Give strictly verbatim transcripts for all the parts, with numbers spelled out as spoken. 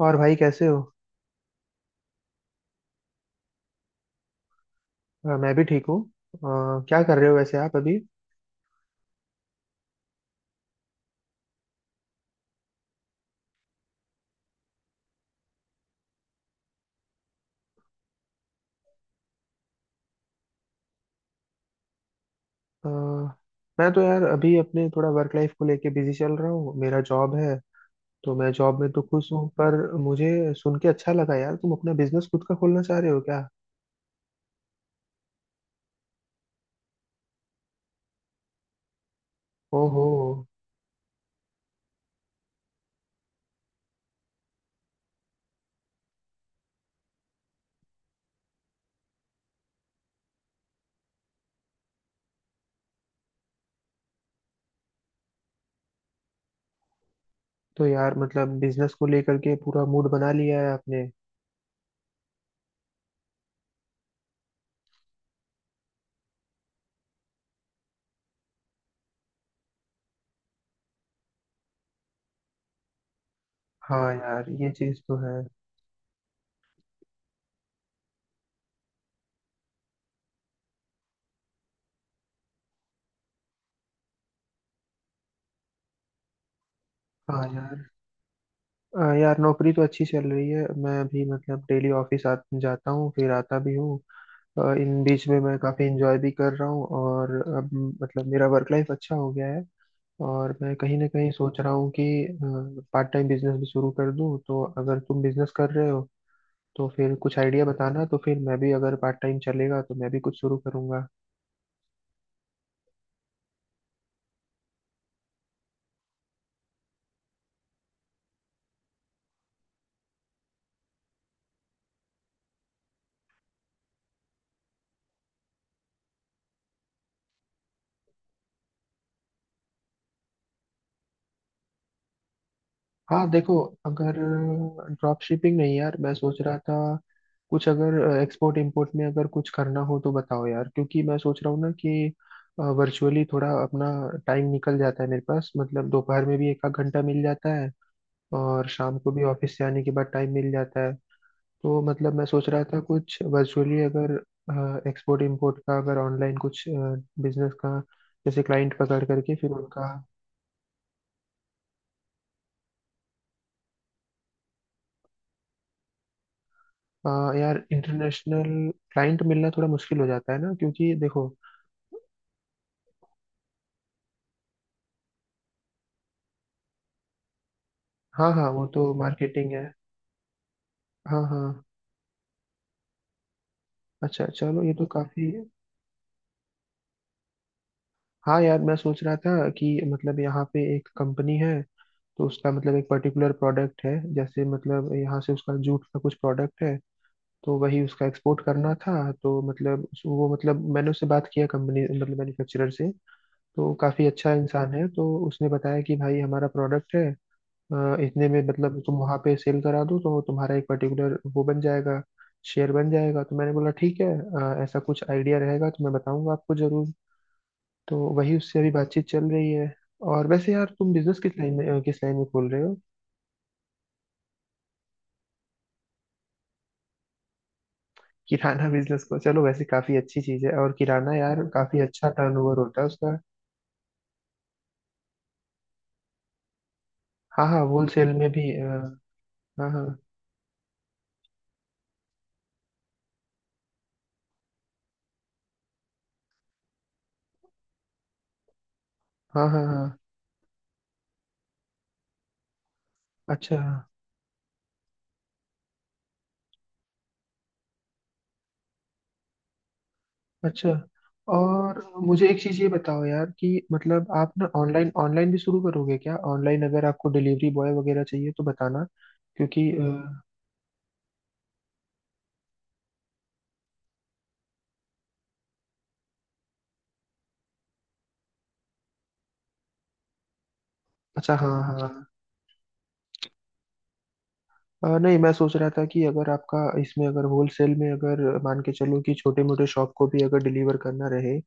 और भाई कैसे हो। अ, मैं भी ठीक हूँ। अ, क्या कर रहे हो वैसे आप अभी। अ, मैं तो यार अभी अपने थोड़ा वर्क लाइफ को लेके बिजी चल रहा हूँ, मेरा जॉब है। तो मैं जॉब में तो खुश हूँ, पर मुझे सुन के अच्छा लगा यार, तुम अपना बिजनेस खुद का खोलना चाह रहे हो क्या। ओहो। तो यार मतलब बिजनेस को लेकर के पूरा मूड बना लिया है आपने। हाँ यार, ये चीज़ तो है। हाँ यार। अ, यार नौकरी तो अच्छी चल रही है, मैं भी मतलब डेली ऑफिस आ जाता हूँ फिर आता भी हूँ। अ, इन बीच में मैं काफ़ी इंजॉय भी कर रहा हूँ, और अब मतलब मेरा वर्क लाइफ अच्छा हो गया है। और मैं कहीं ना कहीं सोच रहा हूँ कि पार्ट टाइम बिजनेस भी शुरू कर दूँ, तो अगर तुम बिजनेस कर रहे हो तो फिर कुछ आइडिया बताना, तो फिर मैं भी अगर पार्ट टाइम चलेगा तो मैं भी कुछ शुरू करूँगा। हाँ देखो, अगर ड्रॉप शिपिंग नहीं यार, मैं सोच रहा था कुछ अगर एक्सपोर्ट इंपोर्ट में अगर कुछ करना हो तो बताओ यार, क्योंकि मैं सोच रहा हूँ ना कि वर्चुअली थोड़ा अपना टाइम निकल जाता है मेरे पास, मतलब दोपहर में भी एक आध घंटा मिल जाता है और शाम को भी ऑफिस से आने के बाद टाइम मिल जाता है। तो मतलब मैं सोच रहा था कुछ वर्चुअली अगर एक्सपोर्ट इंपोर्ट का अगर ऑनलाइन कुछ बिजनेस का, जैसे क्लाइंट पकड़ करके फिर उनका। अ, यार इंटरनेशनल क्लाइंट मिलना थोड़ा मुश्किल हो जाता है ना, क्योंकि देखो। हाँ हाँ, वो तो मार्केटिंग है। हाँ हाँ। अच्छा चलो, ये तो काफी। हाँ यार मैं सोच रहा था कि मतलब यहाँ पे एक कंपनी है, तो उसका मतलब एक पर्टिकुलर प्रोडक्ट है, जैसे मतलब यहाँ से उसका जूट का कुछ प्रोडक्ट है, तो वही उसका एक्सपोर्ट करना था। तो मतलब उस- वो मतलब मैंने उससे बात किया, कंपनी मतलब मैन्युफैक्चरर से। तो काफी अच्छा इंसान है, तो उसने बताया कि भाई हमारा प्रोडक्ट है। अ, इतने में मतलब तुम वहां पे सेल करा दो तो तुम्हारा एक पर्टिकुलर वो बन जाएगा, शेयर बन जाएगा। तो मैंने बोला ठीक है, अ, ऐसा कुछ आइडिया रहेगा तो मैं बताऊंगा आपको जरूर। तो वही उससे अभी बातचीत चल रही है। और वैसे यार तुम बिजनेस किस लाइन में, अ, किस लाइन में खोल रहे हो। किराना बिजनेस को चलो, वैसे काफी अच्छी चीज है, और किराना यार काफी अच्छा टर्नओवर होता है उसका। हाँ हाँ, होलसेल में भी। अ, हाँ हाँ हाँ। हाँ हाँ। अच्छा। अच्छा, और मुझे एक चीज़ ये बताओ यार कि मतलब आप ना ऑनलाइन, ऑनलाइन भी शुरू करोगे क्या। ऑनलाइन अगर आपको डिलीवरी बॉय वगैरह चाहिए तो बताना, क्योंकि अ, अच्छा हाँ हाँ हाँ। अ, नहीं मैं सोच रहा था कि अगर आपका इसमें अगर होलसेल में अगर मान के चलो कि छोटे मोटे शॉप को भी अगर डिलीवर करना रहे,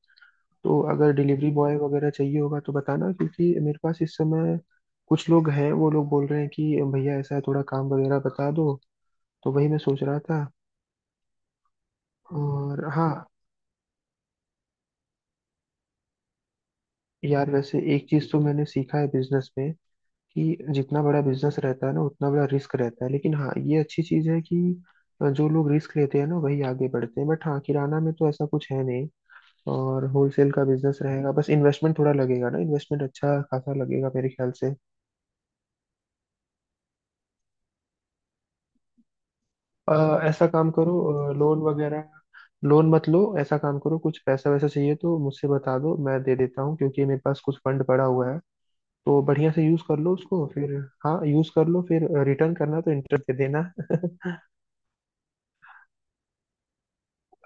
तो अगर डिलीवरी बॉय वगैरह चाहिए होगा तो बताना, क्योंकि मेरे पास इस समय कुछ लोग हैं, वो लोग बोल रहे हैं कि भैया ऐसा है, थोड़ा काम वगैरह बता दो, तो वही मैं सोच रहा था। और हाँ यार, वैसे एक चीज तो मैंने सीखा है बिजनेस में कि जितना बड़ा बिजनेस रहता है ना उतना बड़ा रिस्क रहता है, लेकिन हाँ ये अच्छी चीज है कि जो लोग रिस्क लेते हैं ना वही आगे बढ़ते हैं। बट हाँ, किराना में तो ऐसा कुछ है नहीं, और होलसेल का बिजनेस रहेगा, बस इन्वेस्टमेंट थोड़ा लगेगा ना, इन्वेस्टमेंट अच्छा खासा लगेगा मेरे ख्याल से। अ, ऐसा काम करो, लोन वगैरह, लोन मत लो, ऐसा काम करो कुछ पैसा वैसा चाहिए तो मुझसे बता दो, मैं दे देता हूँ, क्योंकि मेरे पास कुछ फंड पड़ा हुआ है, तो बढ़िया से यूज कर लो उसको फिर। हाँ यूज कर लो, फिर रिटर्न करना तो इंटरेस्ट दे देना।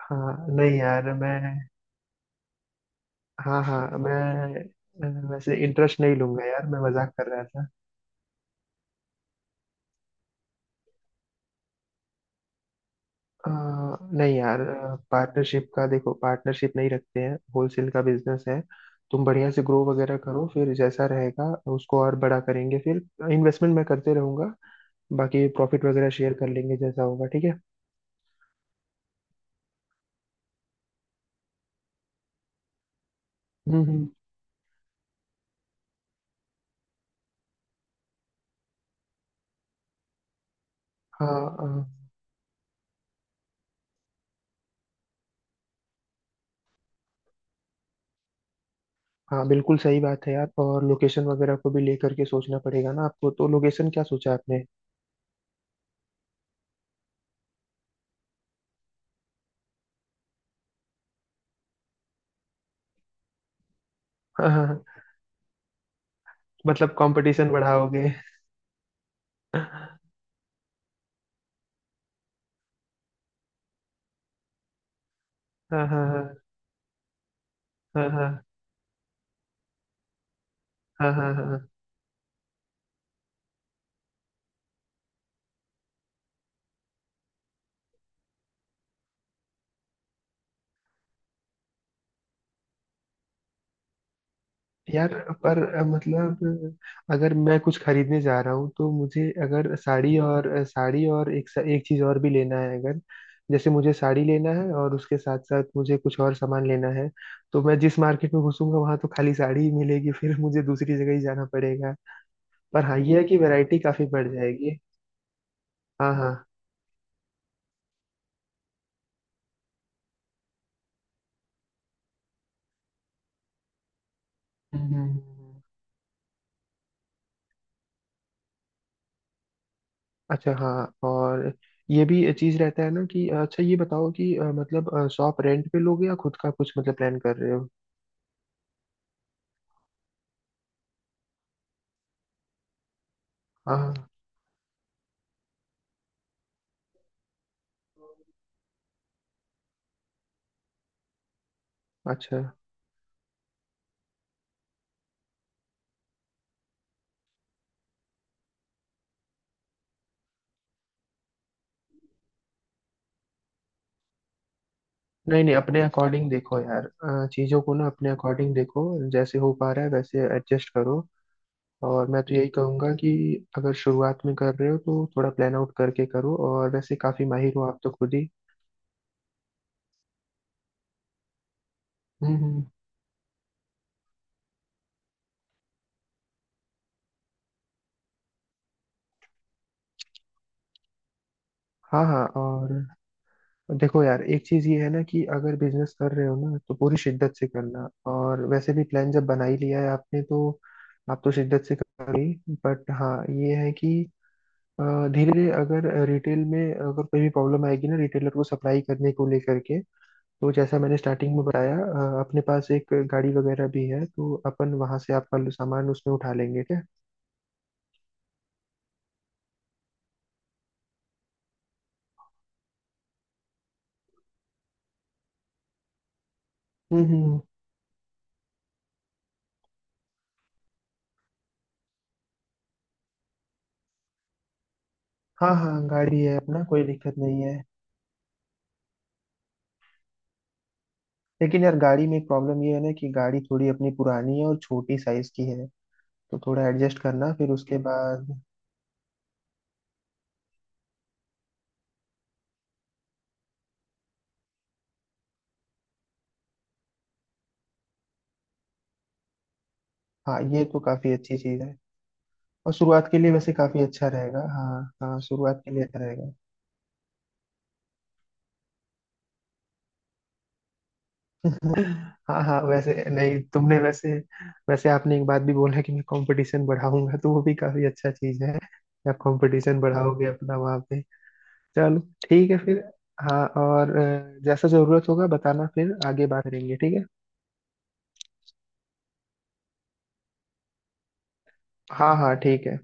हाँ नहीं यार मैं, हाँ हाँ मैं, अ, वैसे इंटरेस्ट नहीं लूंगा यार, मैं मजाक कर रहा था। अ, नहीं यार, पार्टनरशिप का देखो, पार्टनरशिप नहीं रखते हैं, होलसेल का बिजनेस है। तुम बढ़िया से ग्रो वगैरह करो, फिर जैसा रहेगा उसको और बड़ा करेंगे फिर, इन्वेस्टमेंट मैं करते रहूंगा, बाकी प्रॉफिट वगैरह शेयर कर लेंगे जैसा होगा, ठीक है। हम्म हम्म। हाँ हाँ, बिल्कुल सही बात है यार। और लोकेशन वगैरह को भी लेकर के सोचना पड़ेगा ना आपको, तो लोकेशन क्या सोचा आपने। हाँ हाँ हाँ, मतलब कंपटीशन बढ़ाओगे। हाँ हाँ। हाँ हाँ हाँ। हाँ हाँ हाँ। हाँ। यार पर अ, मतलब अगर मैं कुछ खरीदने जा रहा हूँ तो मुझे अगर साड़ी और अ, साड़ी और एक सा- एक चीज और भी लेना है, अगर जैसे मुझे साड़ी लेना है और उसके साथ साथ मुझे कुछ और सामान लेना है, तो मैं जिस मार्केट में घुसूंगा वहां तो खाली साड़ी ही मिलेगी, फिर मुझे दूसरी जगह ही जाना पड़ेगा। पर हाँ ये है कि वैरायटी काफी बढ़ जाएगी। हाँ हाँ। हम्म, हम्म, हम्म। अच्छा हाँ, और ये भी चीज रहता है ना कि अच्छा, ये बताओ कि अ, मतलब शॉप रेंट पे लोगे या खुद का कुछ मतलब प्लान कर रहे हो। हाँ हाँ। अच्छा, नहीं नहीं, अपने अकॉर्डिंग देखो यार, अ, चीजों को ना अपने अकॉर्डिंग देखो, जैसे हो पा रहा है वैसे एडजस्ट करो। और मैं तो यही कहूंगा कि अगर शुरुआत में कर रहे हो तो थोड़ा प्लान आउट करके करो, और वैसे काफी माहिर हो आप तो खुद ही। हम्म, हम्म। हाँ हाँ, और देखो यार, एक चीज ये है ना कि अगर बिजनेस कर रहे हो ना तो पूरी शिद्दत से करना, और वैसे भी प्लान जब बना ही लिया है आपने, तो आप तो शिद्दत से कर रही। बट हाँ ये है कि धीरे धीरे अगर रिटेल में अगर कोई भी प्रॉब्लम आएगी ना, रिटेलर को सप्लाई करने को लेकर के, तो जैसा मैंने स्टार्टिंग में बताया, अ, अपने पास एक गाड़ी वगैरह भी है, तो अपन वहां से आपका सामान उसमें उठा लेंगे क्या। हम्म हम्म। हाँ हाँ, गाड़ी है अपना कोई दिक्कत नहीं है। लेकिन यार गाड़ी में एक प्रॉब्लम ये है ना कि गाड़ी थोड़ी अपनी पुरानी है और छोटी साइज की है, तो थोड़ा एडजस्ट करना फिर उसके बाद। हाँ ये तो काफी अच्छी चीज है, और शुरुआत के लिए वैसे काफी अच्छा रहेगा, हाँ हाँ शुरुआत के लिए अच्छा रहेगा। हाँ हाँ, वैसे नहीं तुमने वैसे, वैसे आपने एक बात भी बोला कि मैं कंपटीशन बढ़ाऊंगा, तो वो भी काफी अच्छा चीज है, आप कंपटीशन बढ़ाओगे अपना वहाँ पे। चलो ठीक है फिर। हाँ, और अ, जैसा जरूरत होगा बताना, फिर आगे बात करेंगे, ठीक है। हाँ हाँ ठीक है।